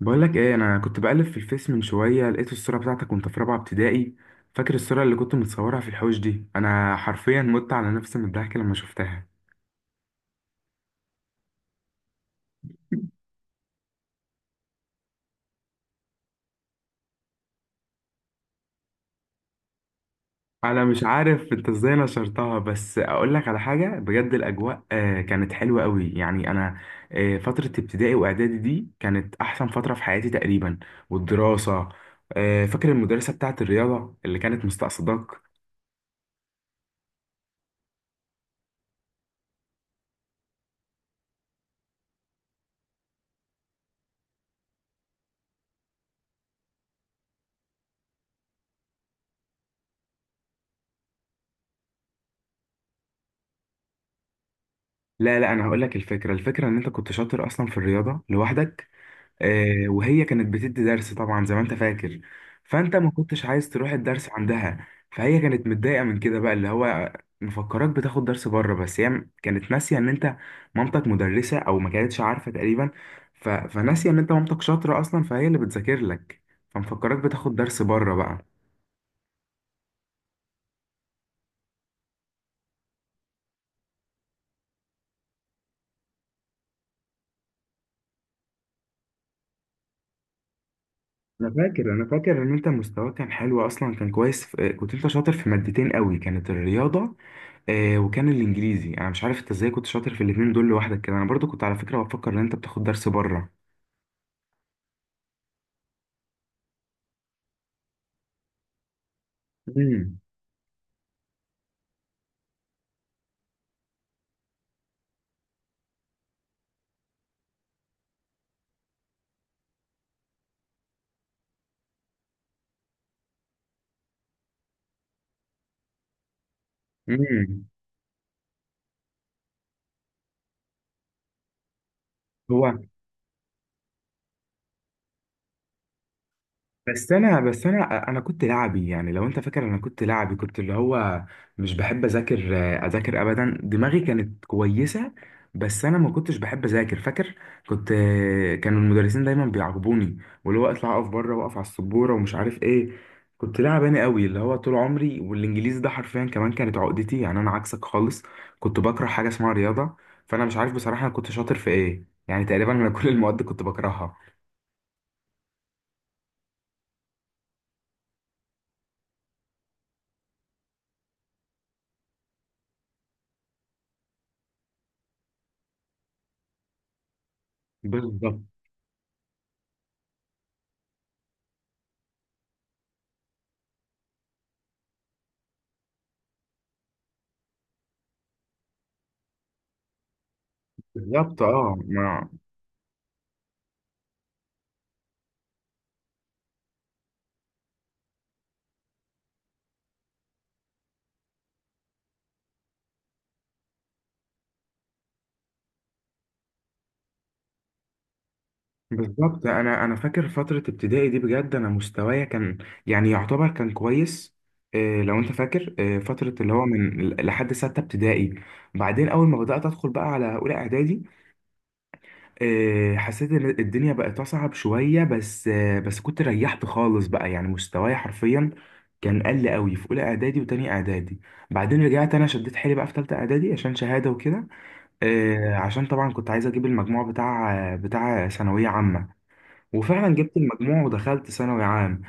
بقول لك ايه، انا كنت بقلب في الفيس من شويه، لقيت الصوره بتاعتك وانت في رابعه ابتدائي. فاكر الصوره اللي كنت متصورها في الحوش دي؟ انا حرفيا مت على نفسي من الضحك لما شفتها. انا مش عارف انت ازاي نشرتها، بس اقول لك على حاجه بجد، الاجواء كانت حلوه قوي، يعني انا فتره ابتدائي واعدادي دي كانت احسن فتره في حياتي تقريبا. والدراسه. فاكر المدرسه بتاعت الرياضه اللي كانت مستقصداك؟ لا، لا، انا هقول لك الفكره ان انت كنت شاطر اصلا في الرياضه لوحدك. وهي كانت بتدي درس طبعا زي ما انت فاكر. فانت ما كنتش عايز تروح الدرس عندها، فهي كانت متضايقه من كده بقى، اللي هو مفكراك بتاخد درس بره، بس هي كانت ناسيه ان انت مامتك مدرسه، او ما كانتش عارفه تقريبا. فناسيه ان انت مامتك شاطره اصلا، فهي اللي بتذاكر لك. فمفكراك بتاخد درس بره بقى. انا فاكر ان انت مستواك كان حلو اصلا، كان كويس كنت انت شاطر في مادتين قوي، كانت الرياضه وكان الانجليزي. انا مش عارف انت ازاي كنت شاطر في الاتنين دول لوحدك كده، انا برضو كنت على فكره بفكر ان انت بتاخد درس بره. امم امم هو، بس انا كنت لعبي، يعني لو انت فاكر، انا كنت لعبي، كنت اللي هو مش بحب اذاكر، اذاكر ابدا، دماغي كانت كويسه، بس انا ما كنتش بحب اذاكر، فاكر؟ كنت، كانوا المدرسين دايما بيعاقبوني، واللي هو اطلع اقف بره، واقف على السبوره، ومش عارف ايه. كنت لاعباني قوي اللي هو طول عمري، والانجليزي ده حرفيا كمان كانت عقدتي، يعني انا عكسك خالص. كنت بكره حاجه اسمها رياضه. فانا مش عارف بصراحه انا كنت شاطر في ايه يعني، تقريبا انا كل المواد كنت بكرهها. بالظبط، بالظبط، اه، ما بالظبط، انا فاكر فتره ابتدائي دي، بجد انا مستوايا كان يعني يعتبر كان كويس. إيه، لو انت فاكر إيه فتره، اللي هو من لحد سته ابتدائي. بعدين اول ما بدات ادخل بقى على اولى اعدادي، إيه، حسيت ان الدنيا بقت اصعب شويه، بس بس كنت ريحت خالص بقى، يعني مستوايا حرفيا كان قل قوي في اولى اعدادي وتاني اعدادي. بعدين رجعت، انا شديت حيلي بقى في تالته اعدادي عشان شهاده وكده. إيه، عشان طبعا كنت عايز اجيب المجموع بتاع ثانويه عامه. وفعلا جبت المجموع ودخلت ثانوي عام.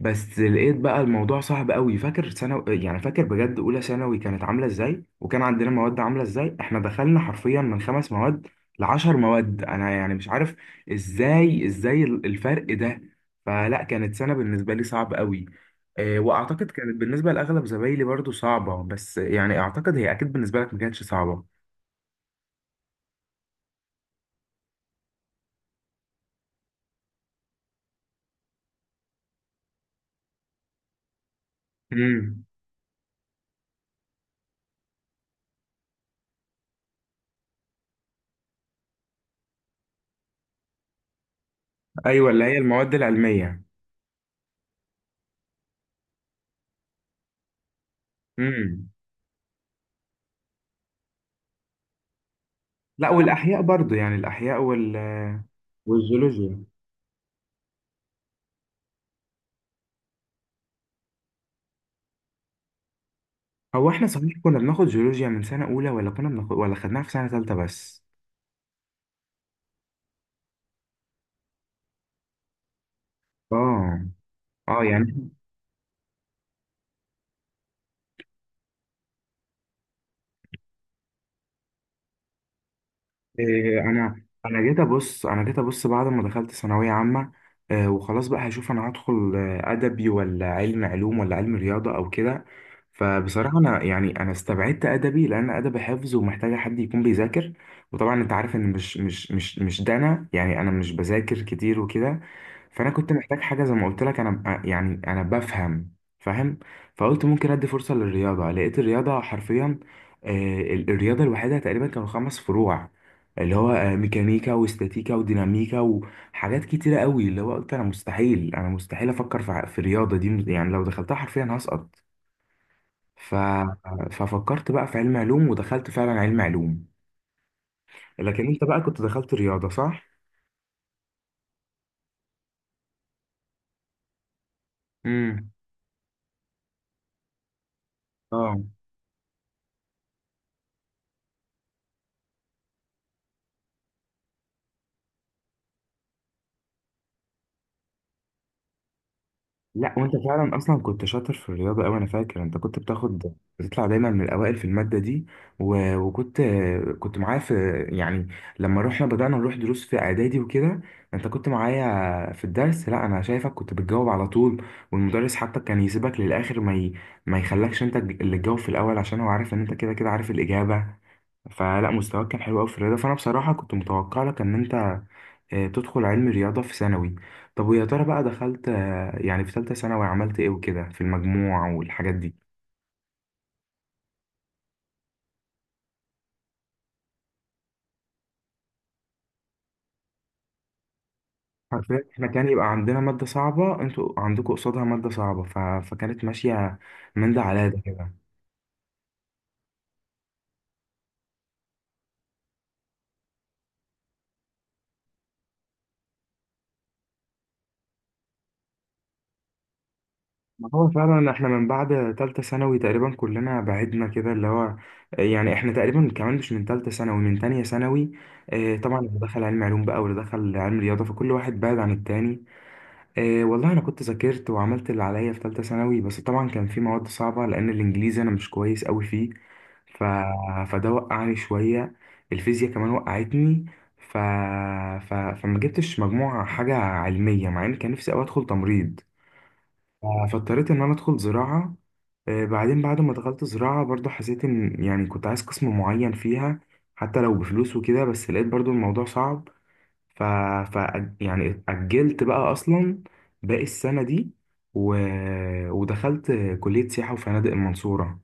بس لقيت بقى الموضوع صعب قوي، فاكر ثانوي؟ يعني فاكر بجد اولى ثانوي كانت عامله ازاي، وكان عندنا مواد عامله ازاي؟ احنا دخلنا حرفيا من 5 مواد ل10 مواد، انا يعني مش عارف ازاي الفرق ده. فلا، كانت سنه بالنسبه لي صعب قوي. واعتقد كانت بالنسبه لاغلب زمايلي برضو صعبه، بس يعني اعتقد هي اكيد بالنسبه لك ما كانتش صعبه. امم، ايوه، اللي هي المواد العلميه. امم، لا، والاحياء برضو يعني الاحياء وال والجيولوجيا. هو احنا صحيح كنا بناخد جيولوجيا من سنة أولى، ولا كنا بناخد، ولا خدناها في سنة تالتة بس؟ اه، اه، يعني إيه، انا جيت ابص بعد ما دخلت ثانويه عامه، وخلاص بقى هشوف انا هدخل ادبي ولا علم علوم ولا علم رياضه او كده. فبصراحه، انا يعني انا استبعدت ادبي، لان ادبي حفظ ومحتاجه حد يكون بيذاكر. وطبعا انت عارف ان مش ده، انا يعني انا مش بذاكر كتير وكده. فانا كنت محتاج حاجه، زي ما قلت لك، انا يعني انا بفهم، فاهم. فقلت ممكن ادي فرصه للرياضه، لقيت الرياضه حرفيا الرياضه الوحيده تقريبا كانوا 5 فروع، اللي هو ميكانيكا واستاتيكا وديناميكا وحاجات كتيرة قوي، اللي هو قلت انا مستحيل افكر في في الرياضة دي، يعني لو دخلتها حرفيا هسقط. ف... ففكرت بقى في علم علوم، ودخلت فعلا علم علوم. لكن انت بقى كنت دخلت رياضة، صح؟ امم، اه، لا، وانت فعلا اصلا كنت شاطر في الرياضه قوي، انا فاكر انت كنت بتطلع دايما من الاوائل في الماده دي. وكنت كنت معايا في يعني لما رحنا بدانا نروح دروس في اعدادي وكده، انت كنت معايا في الدرس، لا انا شايفك كنت بتجاوب على طول، والمدرس حتى كان يسيبك للاخر، ما يخلكش انت اللي تجاوب في الاول عشان هو عارف ان انت كده كده عارف الاجابه. فلا، مستواك كان حلو قوي في الرياضه، فانا بصراحه كنت متوقع لك ان انت تدخل علم رياضه في ثانوي. طب ويا ترى بقى دخلت، يعني في ثالثة ثانوي عملت ايه وكده في المجموع والحاجات دي؟ عارفين احنا كان يبقى عندنا مادة صعبة، انتوا عندكم قصادها مادة صعبة، فكانت ماشية من ده على ده كده. ما هو فعلا احنا من بعد تالتة ثانوي تقريبا كلنا بعدنا كده، اللي هو يعني احنا تقريبا كمان مش من تالتة ثانوي، من تانية ثانوي. اه، طبعا اللي دخل علم علوم بقى، واللي دخل علم رياضة، فكل واحد بعد عن التاني. إيه والله، انا كنت ذاكرت وعملت اللي عليا في ثالثه ثانوي، بس طبعا كان في مواد صعبه لان الانجليزي انا مش كويس قوي فيه. ف... فده وقعني شويه، الفيزياء كمان وقعتني. ف... فما جبتش مجموعه حاجه علميه، مع ان كان نفسي قوي ادخل تمريض. ف- فاضطريت ان انا ادخل زراعه. إيه، بعدين بعد ما دخلت زراعه برضو حسيت ان يعني كنت عايز قسم معين فيها، حتى لو بفلوس وكده، بس لقيت برضو الموضوع صعب. ف... ف يعني أجلت بقى أصلا باقي السنة دي، و... ودخلت كلية سياحة وفنادق المنصورة.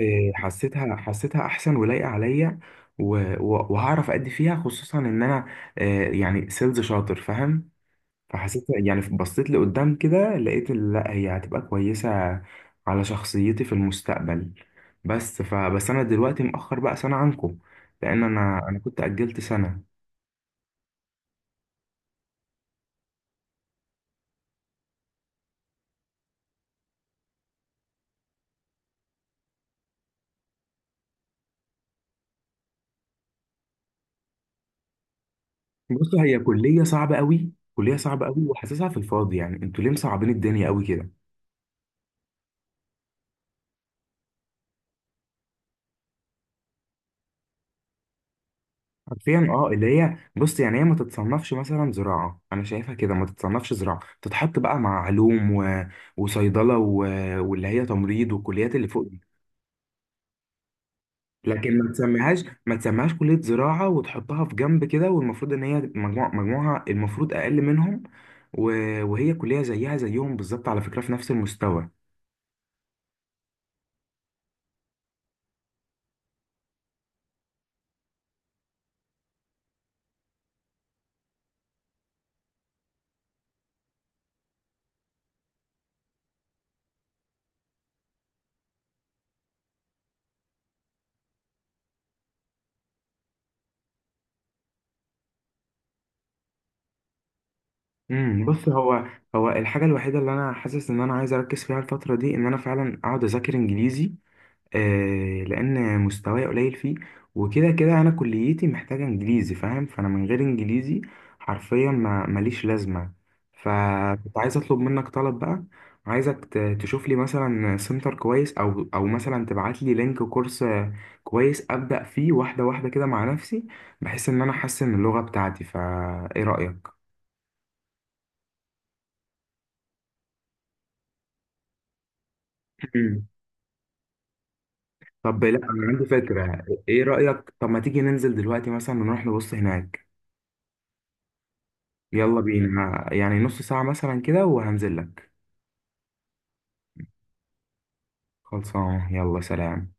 إيه، حسيتها أحسن ولايقة عليا، و... وهعرف أدي فيها خصوصا إن أنا آه، يعني سيلز شاطر، فاهم؟ فحسيت، يعني بصيت لقدام كده، لقيت لا هي هتبقى كويسة على شخصيتي في المستقبل. بس فبس أنا دلوقتي مأخر بقى سنة عنكم، لأن أنا كنت أجلت سنة. بصوا، هي كلية صعبة قوي، كلية صعبة قوي، وحاسسها في الفاضي، يعني انتوا ليه مصعبين الدنيا قوي كده؟ حرفيا اه، اللي هي بص، يعني هي ما تتصنفش مثلا زراعة، انا شايفها كده ما تتصنفش زراعة، تتحط بقى مع علوم وصيدلة واللي هي تمريض والكليات اللي فوق دي. لكن ما تسميهاش كلية زراعة وتحطها في جنب كده، والمفروض ان هي مجموعها المفروض اقل منهم. و... وهي كلية زيها زيهم بالظبط، على فكرة في نفس المستوى. بص، هو الحاجة الوحيدة اللي أنا حاسس إن أنا عايز أركز فيها الفترة دي، إن أنا فعلا أقعد أذاكر إنجليزي، لأن مستواي قليل فيه. وكده كده أنا كليتي محتاجة إنجليزي، فاهم؟ فأنا من غير إنجليزي حرفيا ما ماليش لازمة. فكنت عايز أطلب منك طلب بقى، عايزك تشوف لي مثلا سنتر كويس، أو مثلا تبعت لي لينك كورس كويس أبدأ فيه واحدة واحدة كده مع نفسي، بحيث إن أنا أحسن من اللغة بتاعتي. فإيه رأيك؟ طب لا، انا عندي فكره، ايه رايك طب ما تيجي ننزل دلوقتي، مثلا نروح نبص هناك. يلا بينا، يعني نص ساعه مثلا كده وهنزل لك. خلصان، يلا سلام.